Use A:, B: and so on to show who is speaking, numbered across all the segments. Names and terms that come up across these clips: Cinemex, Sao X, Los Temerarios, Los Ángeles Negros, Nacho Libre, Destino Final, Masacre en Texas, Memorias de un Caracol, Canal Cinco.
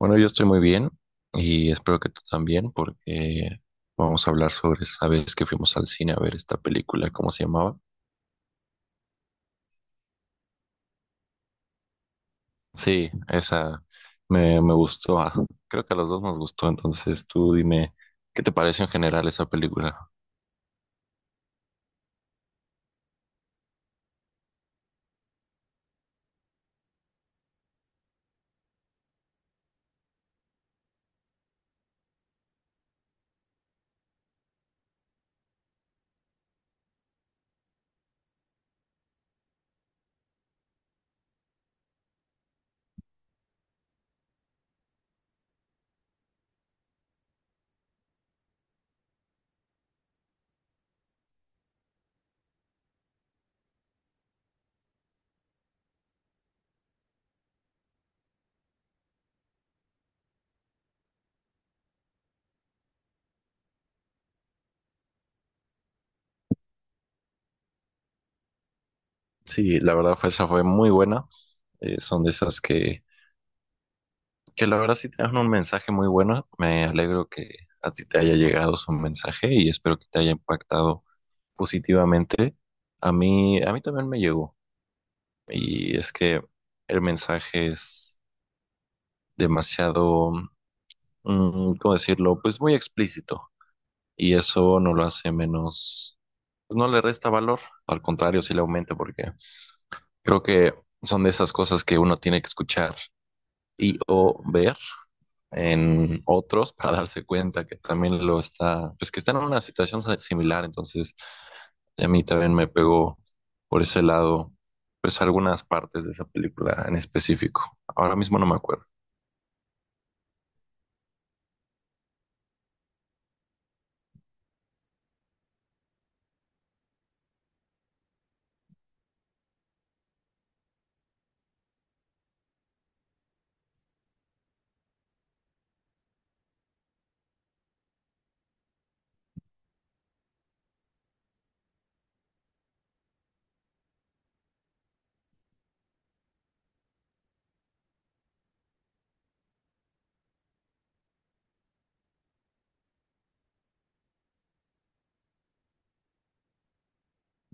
A: Bueno, yo estoy muy bien y espero que tú también, porque vamos a hablar sobre esa vez que fuimos al cine a ver esta película, ¿cómo se llamaba? Sí, esa me gustó. Creo que a los dos nos gustó, entonces tú dime, ¿qué te parece en general esa película? Sí, la verdad fue esa fue muy buena. Son de esas que la verdad sí te dan un mensaje muy bueno. Me alegro que a ti te haya llegado su mensaje y espero que te haya impactado positivamente. A mí también me llegó. Y es que el mensaje es demasiado, ¿cómo decirlo? Pues muy explícito. Y eso no lo hace menos, pues no le resta valor, al contrario, sí le aumenta, porque creo que son de esas cosas que uno tiene que escuchar y o ver en otros para darse cuenta que también lo está, pues que están en una situación similar. Entonces, a mí también me pegó por ese lado, pues algunas partes de esa película en específico. Ahora mismo no me acuerdo.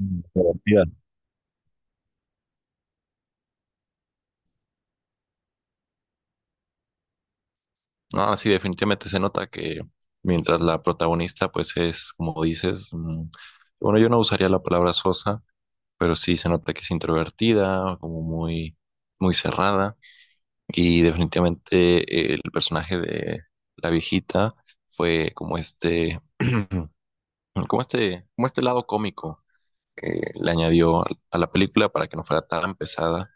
A: Divertida. Ah, sí, definitivamente se nota que mientras la protagonista, pues es, como dices, bueno, yo no usaría la palabra sosa, pero sí se nota que es introvertida, como muy, muy cerrada. Y definitivamente el personaje de la viejita fue como este, como este lado cómico que le añadió a la película para que no fuera tan pesada.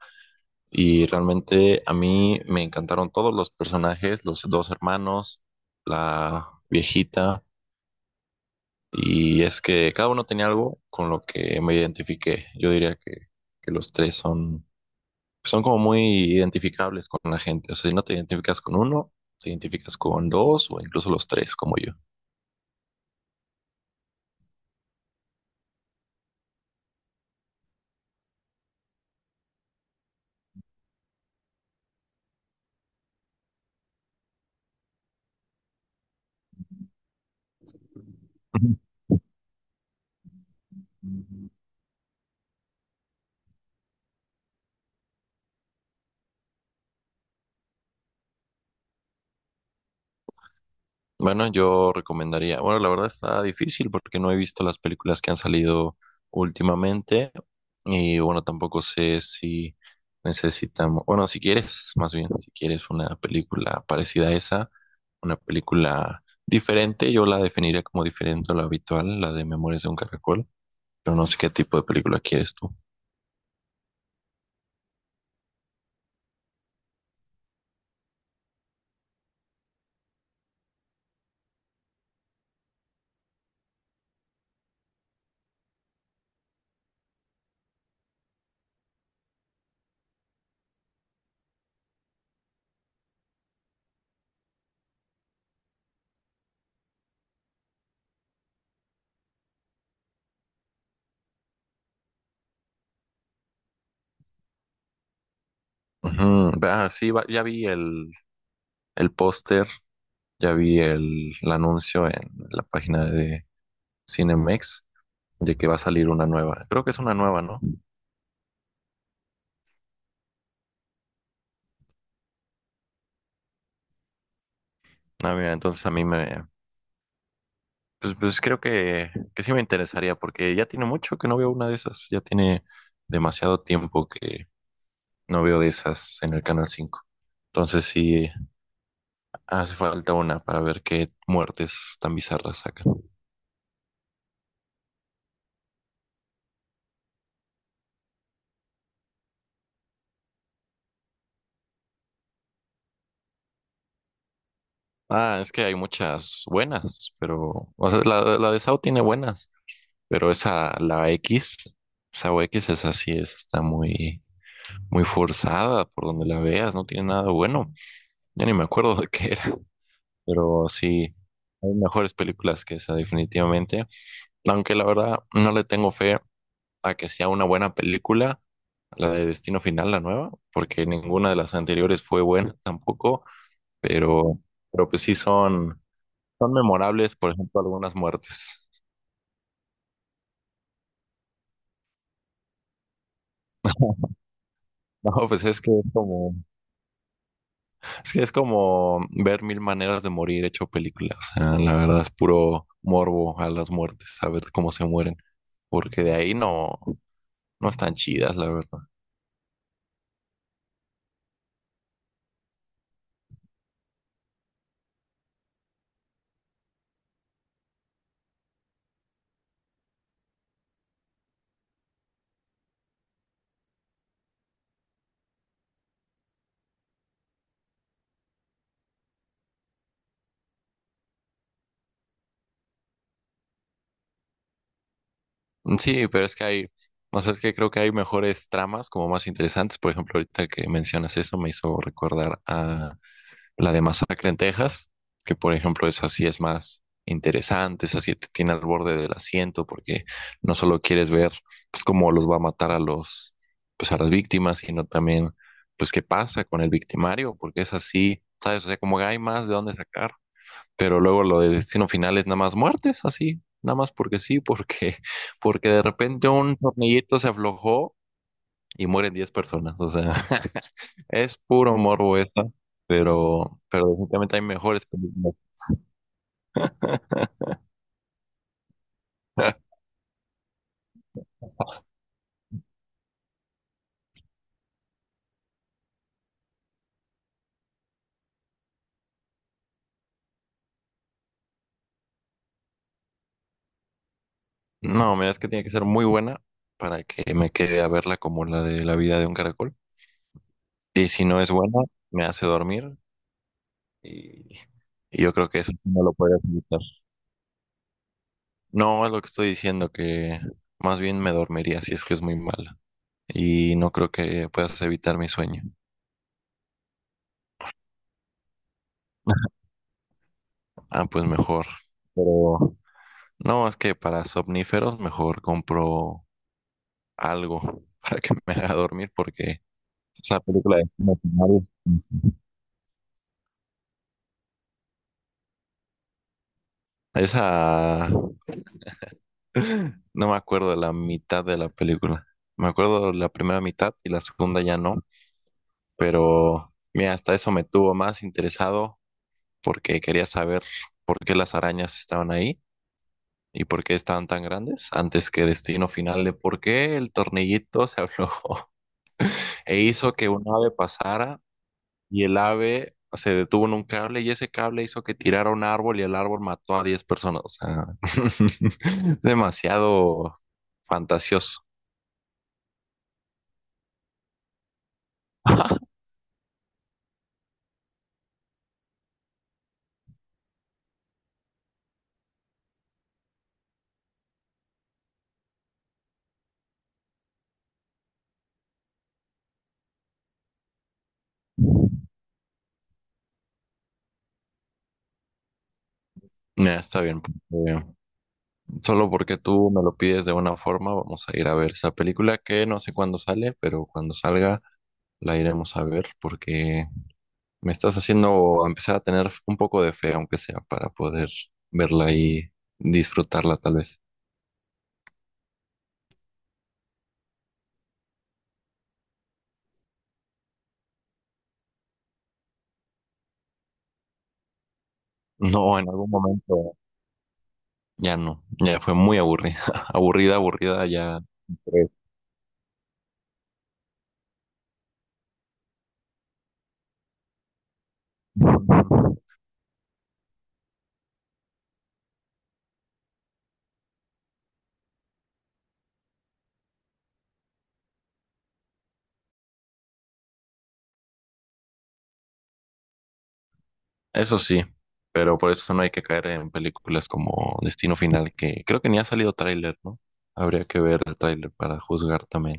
A: Y realmente a mí me encantaron todos los personajes, los dos hermanos, la viejita, y es que cada uno tenía algo con lo que me identifiqué. Yo diría que los tres son, son como muy identificables con la gente. O sea, si no te identificas con uno, te identificas con dos o incluso los tres, como yo. Bueno, yo recomendaría, bueno, la verdad está difícil porque no he visto las películas que han salido últimamente y bueno, tampoco sé si necesitamos, bueno, si quieres, más bien, si quieres una película parecida a esa, una película diferente, yo la definiría como diferente a la habitual, la de Memorias de un Caracol, pero no sé qué tipo de película quieres tú. Ujú, ah, sí, ya vi el póster, ya vi el anuncio en la página de Cinemex, de que va a salir una nueva. Creo que es una nueva, ¿no? Ah, mira, entonces a mí pues creo que sí me interesaría porque ya tiene mucho que no veo una de esas, ya tiene demasiado tiempo que no veo de esas en el Canal 5. Entonces sí hace falta una para ver qué muertes tan bizarras sacan. Ah, es que hay muchas buenas, pero, o sea, la de Sao tiene buenas, pero esa, la X, Sao X, esa sí está muy, muy forzada por donde la veas, no tiene nada bueno. Ya ni me acuerdo de qué era, pero sí, hay mejores películas que esa definitivamente. Aunque la verdad no le tengo fe a que sea una buena película, la de Destino Final, la nueva, porque ninguna de las anteriores fue buena tampoco, pero, pero pues sí son memorables, por ejemplo, algunas muertes. No, pues es que es como ver 1000 maneras de morir hecho película. O sea, la verdad es puro morbo a las muertes, a ver cómo se mueren. Porque de ahí no están chidas, la verdad. Mm, sí, pero es que hay, o sea, es que creo que hay mejores tramas como más interesantes. Por ejemplo, ahorita que mencionas eso me hizo recordar a la de Masacre en Texas, que por ejemplo esa sí es más interesante, esa sí te tiene al borde del asiento porque no solo quieres ver pues cómo los va a matar pues a las víctimas, sino también pues qué pasa con el victimario, porque es así, ¿sabes? O sea, como que hay más de dónde sacar. Pero luego lo de Destino Final es nada más muertes, así, nada más porque sí, porque, porque de repente un tornillito se aflojó y mueren 10 personas. O sea, es puro morbo esa, pero definitivamente hay mejores películas. No, mira, es que tiene que ser muy buena para que me quede a verla como la de La vida de un caracol. Y si no es buena, me hace dormir y, y yo creo que eso no lo podrías evitar. No, es lo que estoy diciendo, que más bien me dormiría si es que es muy mala. Y no creo que puedas evitar mi sueño. Ah, pues mejor. Pero no, es que para somníferos mejor compro algo para que me haga dormir porque esa película de Destino Final, esa no me acuerdo de la mitad de la película. Me acuerdo de la primera mitad y la segunda ya no, pero mira, hasta eso me tuvo más interesado porque quería saber por qué las arañas estaban ahí. ¿Y por qué estaban tan grandes? Antes que destino final de por qué el tornillito se aflojó e hizo que un ave pasara y el ave se detuvo en un cable y ese cable hizo que tirara un árbol y el árbol mató a 10 personas. O sea, es demasiado fantasioso. Ya, está bien. Porque Solo porque tú me lo pides de una forma, vamos a ir a ver esa película que no sé cuándo sale, pero cuando salga la iremos a ver, porque me estás haciendo empezar a tener un poco de fe, aunque sea, para poder verla y disfrutarla tal vez. No, en algún momento ya no, ya fue muy aburrida, aburrida, aburrida, ya. Tres. Eso sí, pero por eso no hay que caer en películas como Destino Final, que creo que ni ha salido tráiler, ¿no? Habría que ver el tráiler para juzgar también.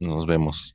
A: Nos vemos.